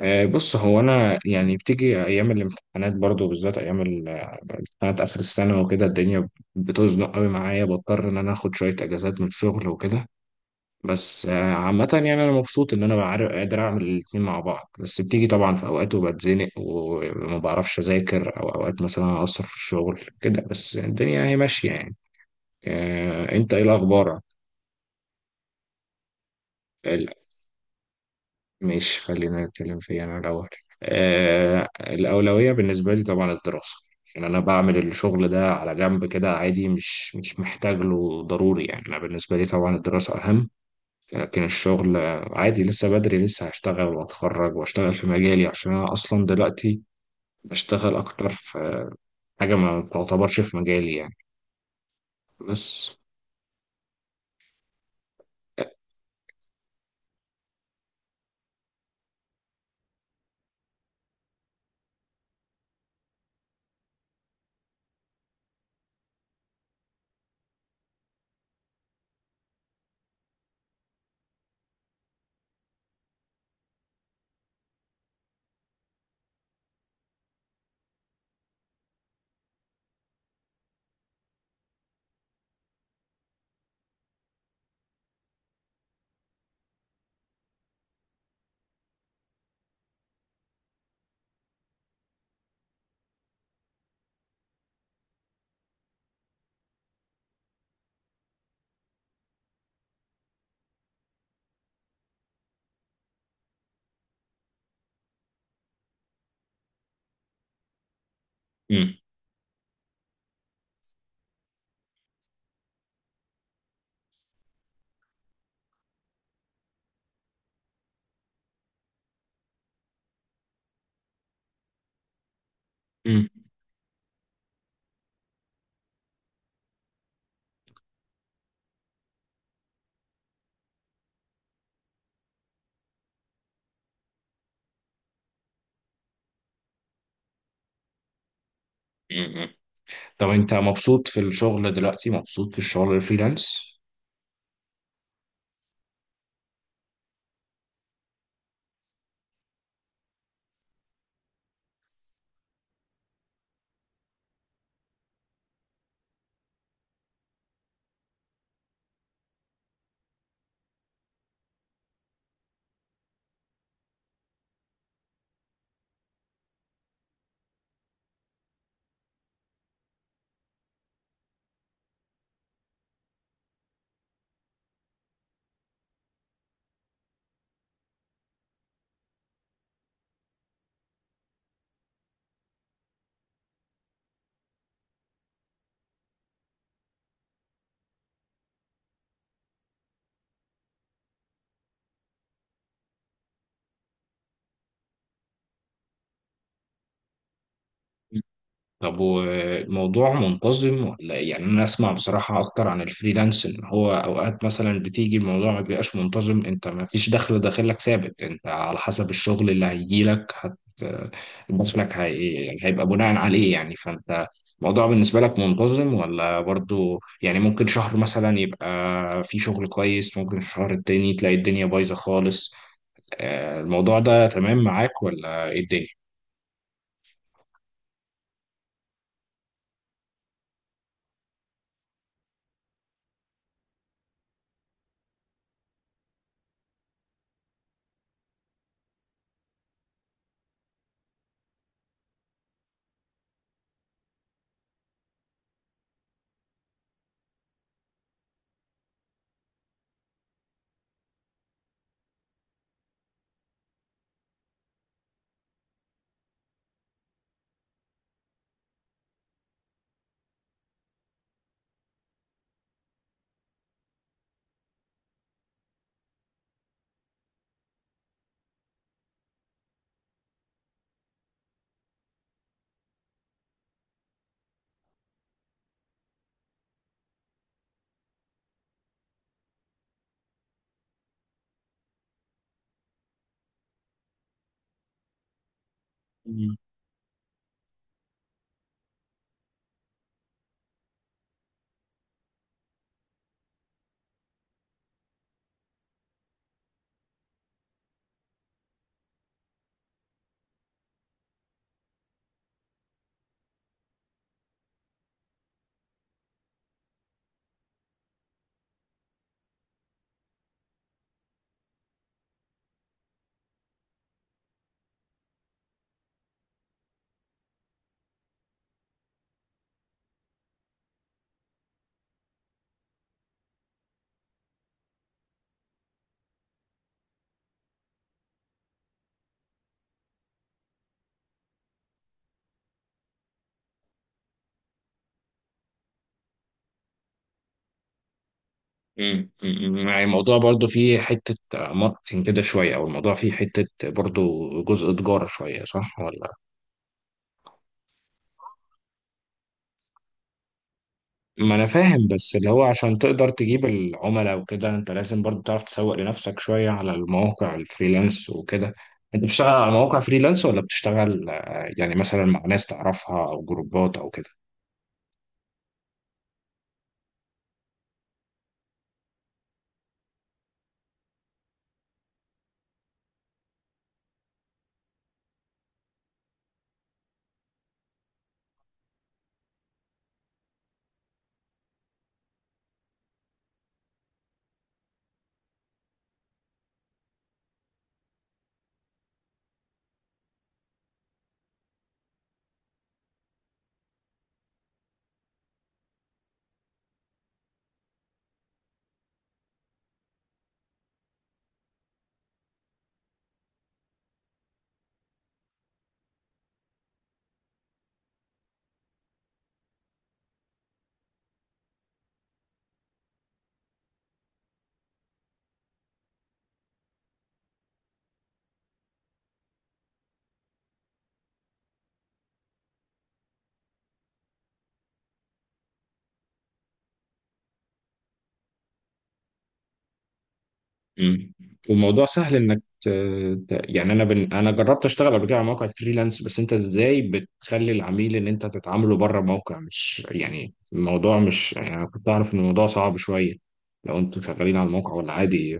بص، هو انا يعني بتيجي ايام الامتحانات برضو، بالذات ايام امتحانات اخر السنه وكده. الدنيا بتزنق قوي معايا، بضطر ان انا اخد شويه اجازات من الشغل وكده. بس عامه يعني انا مبسوط ان انا بعرف قادر اعمل الاتنين مع بعض. بس بتيجي طبعا في اوقات وبتزنق وما بعرفش اذاكر، او اوقات مثلا اقصر في الشغل كده، بس الدنيا هي ماشيه يعني. انت ايه الاخبار؟ ماشي، خلينا نتكلم فيها أنا الأول. آه الأولوية بالنسبة لي طبعا الدراسة. يعني أنا بعمل الشغل ده على جنب كده عادي، مش محتاج له ضروري. يعني أنا بالنسبة لي طبعا الدراسة أهم. لكن الشغل عادي، لسه بدري، لسه هشتغل وأتخرج وأشتغل في مجالي، عشان أنا أصلا دلوقتي بشتغل أكتر في حاجة ما تعتبرش في مجالي يعني بس. مم. مم. مم. طب أنت مبسوط في الشغل دلوقتي؟ مبسوط في الشغل الفريلانس؟ طب والموضوع منتظم ولا إيه؟ يعني انا اسمع بصراحة اكتر عن الفريلانس ان هو اوقات مثلا بتيجي الموضوع ما بيبقاش منتظم. انت ما فيش دخل داخلك ثابت، انت على حسب الشغل اللي هيجيلك هت دخلك هي هيبقى بناء عليه يعني، فانت الموضوع بالنسبة لك منتظم ولا برضو؟ يعني ممكن شهر مثلا يبقى في شغل كويس، ممكن الشهر التاني تلاقي الدنيا بايظة خالص. الموضوع ده تمام معاك ولا ايه الدنيا؟ مم. مم. يعني الموضوع برضو فيه حتة ماركتينج كده شوية، أو الموضوع فيه حتة برضو جزء تجارة شوية، صح ولا؟ ما أنا فاهم، بس اللي هو عشان تقدر تجيب العملاء وكده أنت لازم برضو تعرف تسوق لنفسك شوية على المواقع الفريلانس وكده. أنت بتشتغل على مواقع فريلانس ولا بتشتغل يعني مثلا مع ناس تعرفها أو جروبات أو كده؟ مم. والموضوع سهل انك يعني انا جربت اشتغل قبل كده على موقع فريلانس، بس انت ازاي بتخلي العميل ان انت تتعامله بره الموقع؟ مش يعني الموضوع، مش يعني انا كنت اعرف ان الموضوع صعب شويه، لو انتوا شغالين على الموقع ولا عادي؟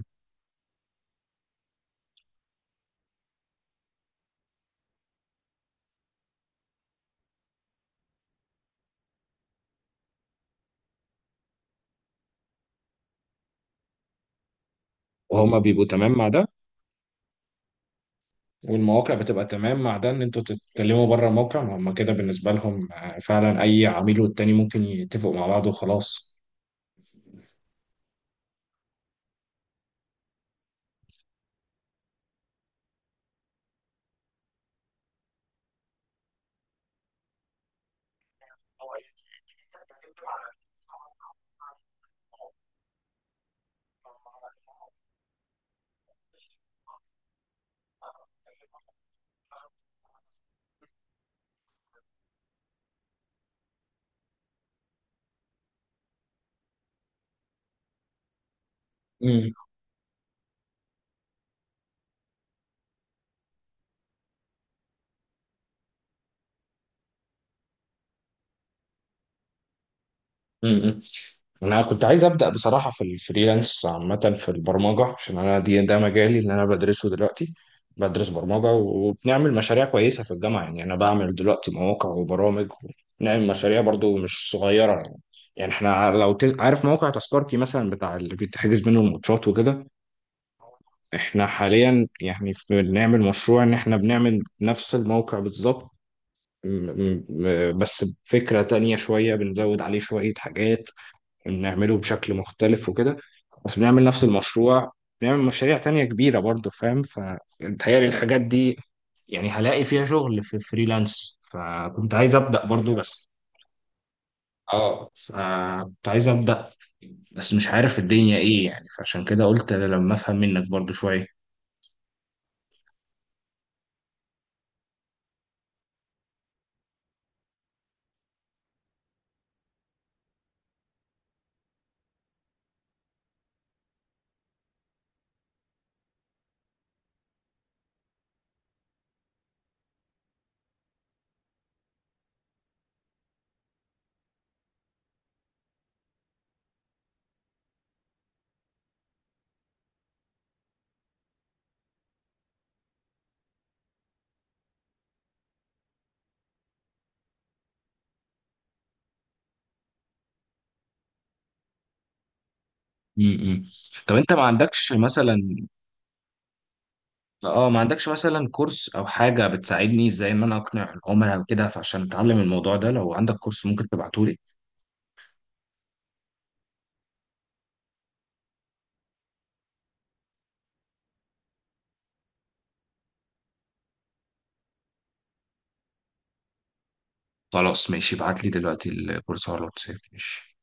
وهما بيبقوا تمام مع ده؟ والمواقع بتبقى تمام مع ده ان انتوا تتكلموا بره الموقع؟ ما هما كده بالنسبه لهم فعلا، اي عميل والتاني ممكن يتفقوا مع بعض وخلاص. مم. مم. انا كنت عايز ابدا بصراحه في الفريلانس عامه، في البرمجه، عشان انا دي ده مجالي اللي انا بدرسه دلوقتي. بدرس برمجه وبنعمل مشاريع كويسه في الجامعه. يعني انا بعمل دلوقتي مواقع وبرامج، ونعمل مشاريع برضو مش صغيره يعني. يعني احنا لو عارف موقع تذكرتي مثلا بتاع اللي بتحجز منه الماتشات وكده؟ احنا حاليا يعني بنعمل مشروع ان احنا بنعمل نفس الموقع بالظبط. م- بس بفكرة تانية شوية، بنزود عليه شوية حاجات، نعمله بشكل مختلف وكده، بس بنعمل نفس المشروع. بنعمل مشاريع تانية كبيرة برضه فاهم. فبتهيألي الحاجات دي، يعني هلاقي فيها شغل في فريلانس، فكنت عايز أبدأ برضه بس. اه فكنت عايز أبدأ، بس مش عارف الدنيا ايه يعني، فعشان كده قلت لما افهم منك برضه شوية. امم طب انت ما عندكش مثلا، اه ما عندكش مثلا كورس او حاجة بتساعدني ازاي ان انا اقنع العملاء وكده، فعشان اتعلم الموضوع ده لو عندك كورس ممكن تبعته لي؟ خلاص ماشي، ابعت لي دلوقتي الكورس على الواتساب، ماشي.